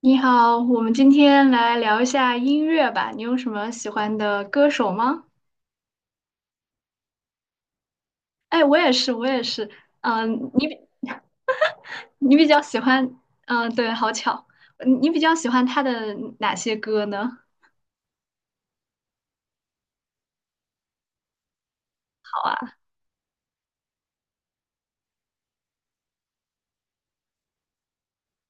你好，我们今天来聊一下音乐吧。你有什么喜欢的歌手吗？哎，我也是，我也是。嗯、你比 你比较喜欢，嗯、对，好巧，你比较喜欢他的哪些歌呢？好啊，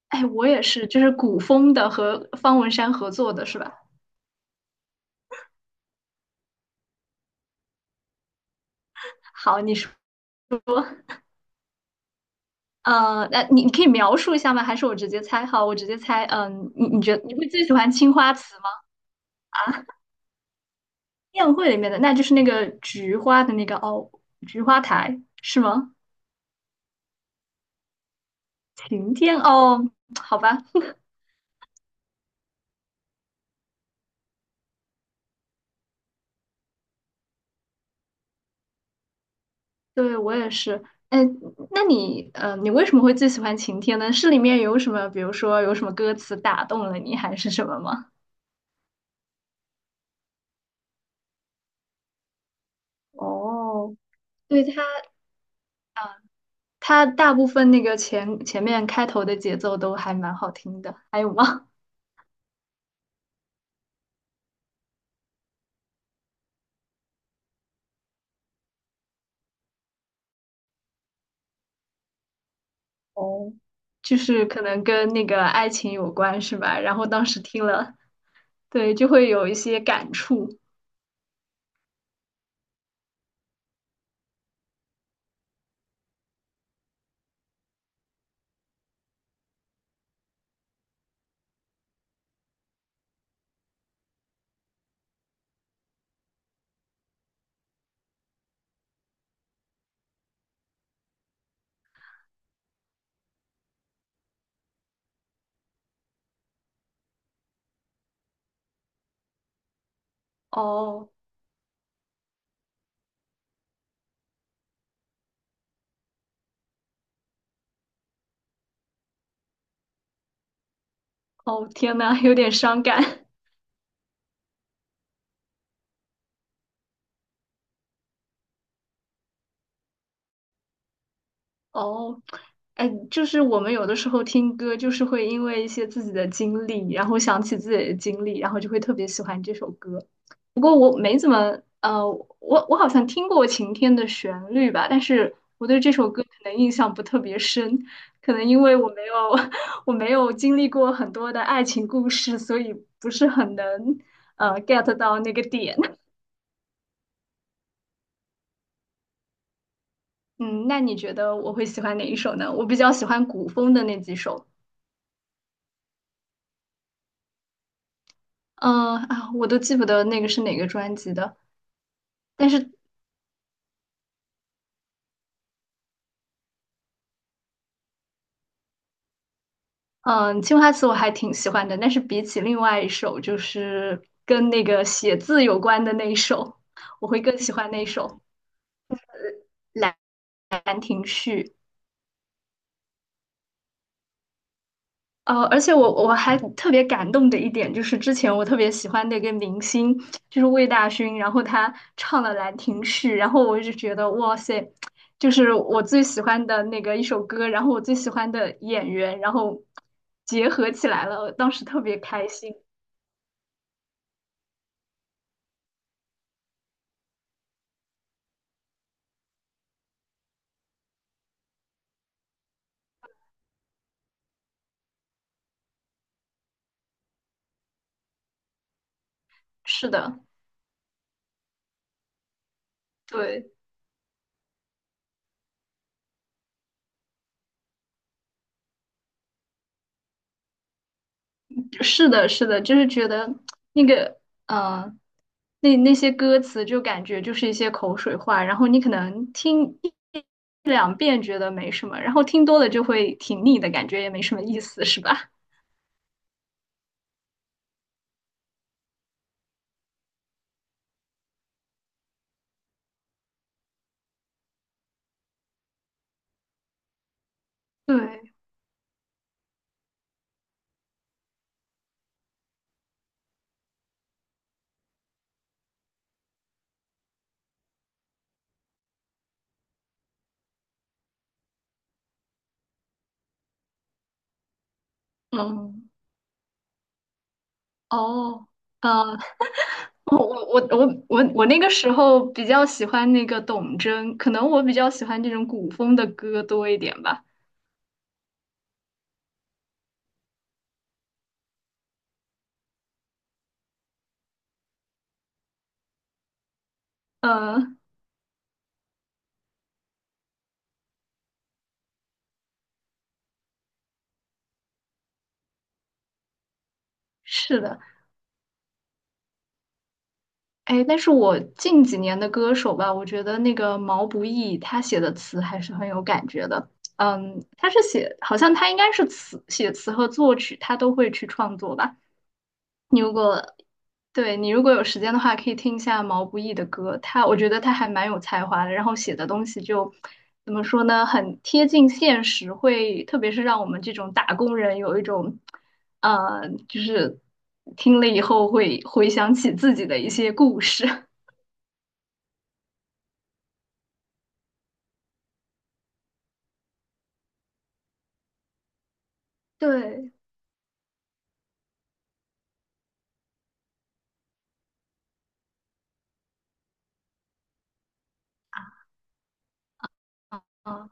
哎，我也是，就是古风的和方文山合作的是吧？好，你说，那你可以描述一下吗？还是我直接猜？好，我直接猜。嗯、你觉得你会最喜欢《青花瓷》宴会里面的，那就是那个菊花的那个哦，菊花台是吗？晴天哦，好吧，对我也是。哎，那你你为什么会最喜欢晴天呢？是里面有什么，比如说有什么歌词打动了你，还是什么吗？哦，对它啊，它大部分那个前面开头的节奏都还蛮好听的，还有吗？哦，就是可能跟那个爱情有关是吧？然后当时听了，对，就会有一些感触。哦哦，天呐，有点伤感。哦，哎，就是我们有的时候听歌，就是会因为一些自己的经历，然后想起自己的经历，然后就会特别喜欢这首歌。不过我没怎么，我好像听过《晴天》的旋律吧，但是我对这首歌可能印象不特别深，可能因为我没有 我没有经历过很多的爱情故事，所以不是很能get 到那个点。嗯，那你觉得我会喜欢哪一首呢？我比较喜欢古风的那几首，嗯啊，我都记不得那个是哪个专辑的，但是嗯，青花瓷我还挺喜欢的，但是比起另外一首，就是跟那个写字有关的那一首，我会更喜欢那一首《兰亭序》。呃，而且我还特别感动的一点就是，之前我特别喜欢的一个明星就是魏大勋，然后他唱了《兰亭序》，然后我就觉得哇塞，就是我最喜欢的那个一首歌，然后我最喜欢的演员，然后结合起来了，我当时特别开心。是的，对，是的，是的，就是觉得那个，呃，那那些歌词就感觉就是一些口水话，然后你可能听。两遍觉得没什么，然后听多了就会挺腻的感觉，也没什么意思，是吧？对，嗯，哦，呃，我那个时候比较喜欢那个董贞，可能我比较喜欢这种古风的歌多一点吧。嗯，是的，哎，但是我近几年的歌手吧，我觉得那个毛不易他写的词还是很有感觉的。嗯，他是写，好像他应该是词写词和作曲，他都会去创作吧。你如果对你如果有时间的话，可以听一下毛不易的歌，他我觉得他还蛮有才华的，然后写的东西就怎么说呢，很贴近现实，会特别是让我们这种打工人有一种，就是听了以后会回想起自己的一些故事。对，嗯，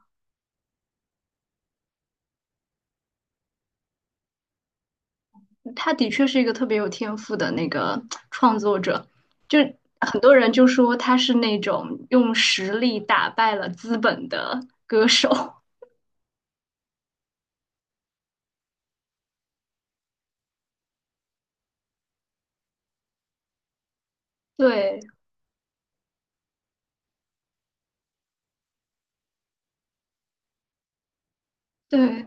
他的确是一个特别有天赋的那个创作者，就很多人就说他是那种用实力打败了资本的歌手。对对，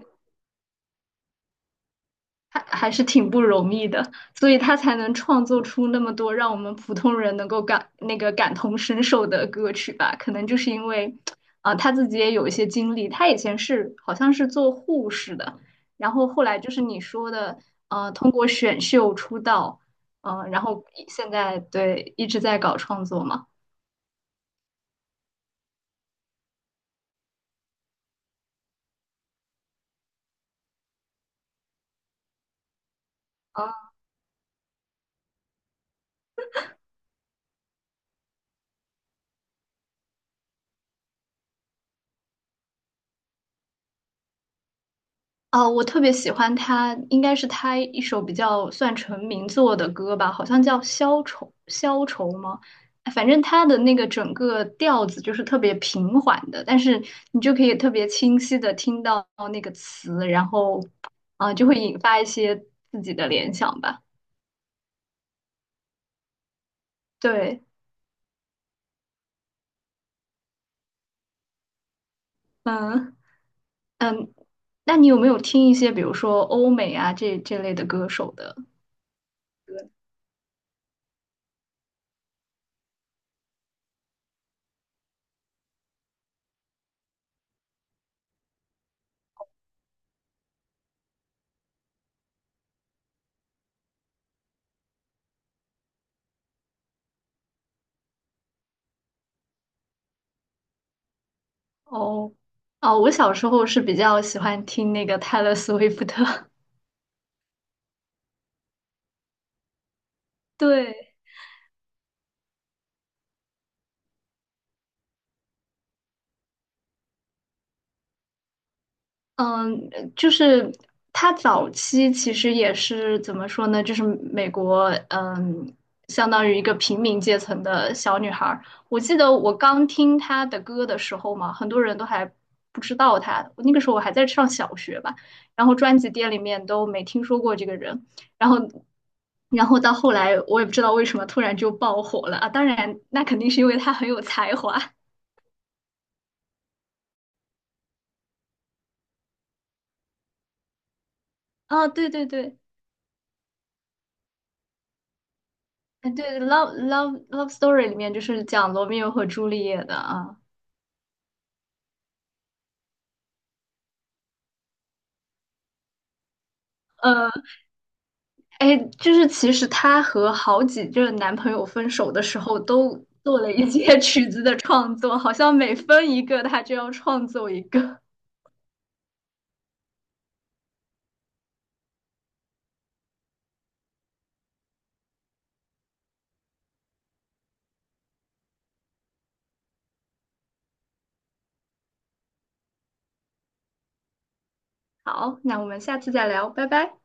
还还是挺不容易的，所以他才能创作出那么多让我们普通人能够感那个感同身受的歌曲吧。可能就是因为，啊、他自己也有一些经历，他以前是好像是做护士的，然后后来就是你说的，通过选秀出道，嗯、然后现在对一直在搞创作嘛。哦，我特别喜欢他，应该是他一首比较算成名作的歌吧，好像叫《消愁》，消愁吗？哎反正他的那个整个调子就是特别平缓的，但是你就可以特别清晰的听到那个词，然后啊、就会引发一些自己的联想吧。对，嗯嗯，那你有没有听一些比如说欧美啊这这类的歌手的？哦哦，我小时候是比较喜欢听那个泰勒·斯威夫特，对。嗯，她早期其实也是怎么说呢？就是美国，嗯，相当于一个平民阶层的小女孩儿。我记得我刚听她的歌的时候嘛，很多人都还不知道她。那个时候我还在上小学吧，然后专辑店里面都没听说过这个人。然后，然后到后来，我也不知道为什么突然就爆火了啊！当然，那肯定是因为她很有才华啊 对对对。哎，对，Love Story 里面就是讲罗密欧和朱丽叶的啊。呃，哎，就是其实她和好几任男朋友分手的时候，都做了一些 曲子的创作，好像每分一个，她就要创作一个。好，那我们下次再聊，拜拜。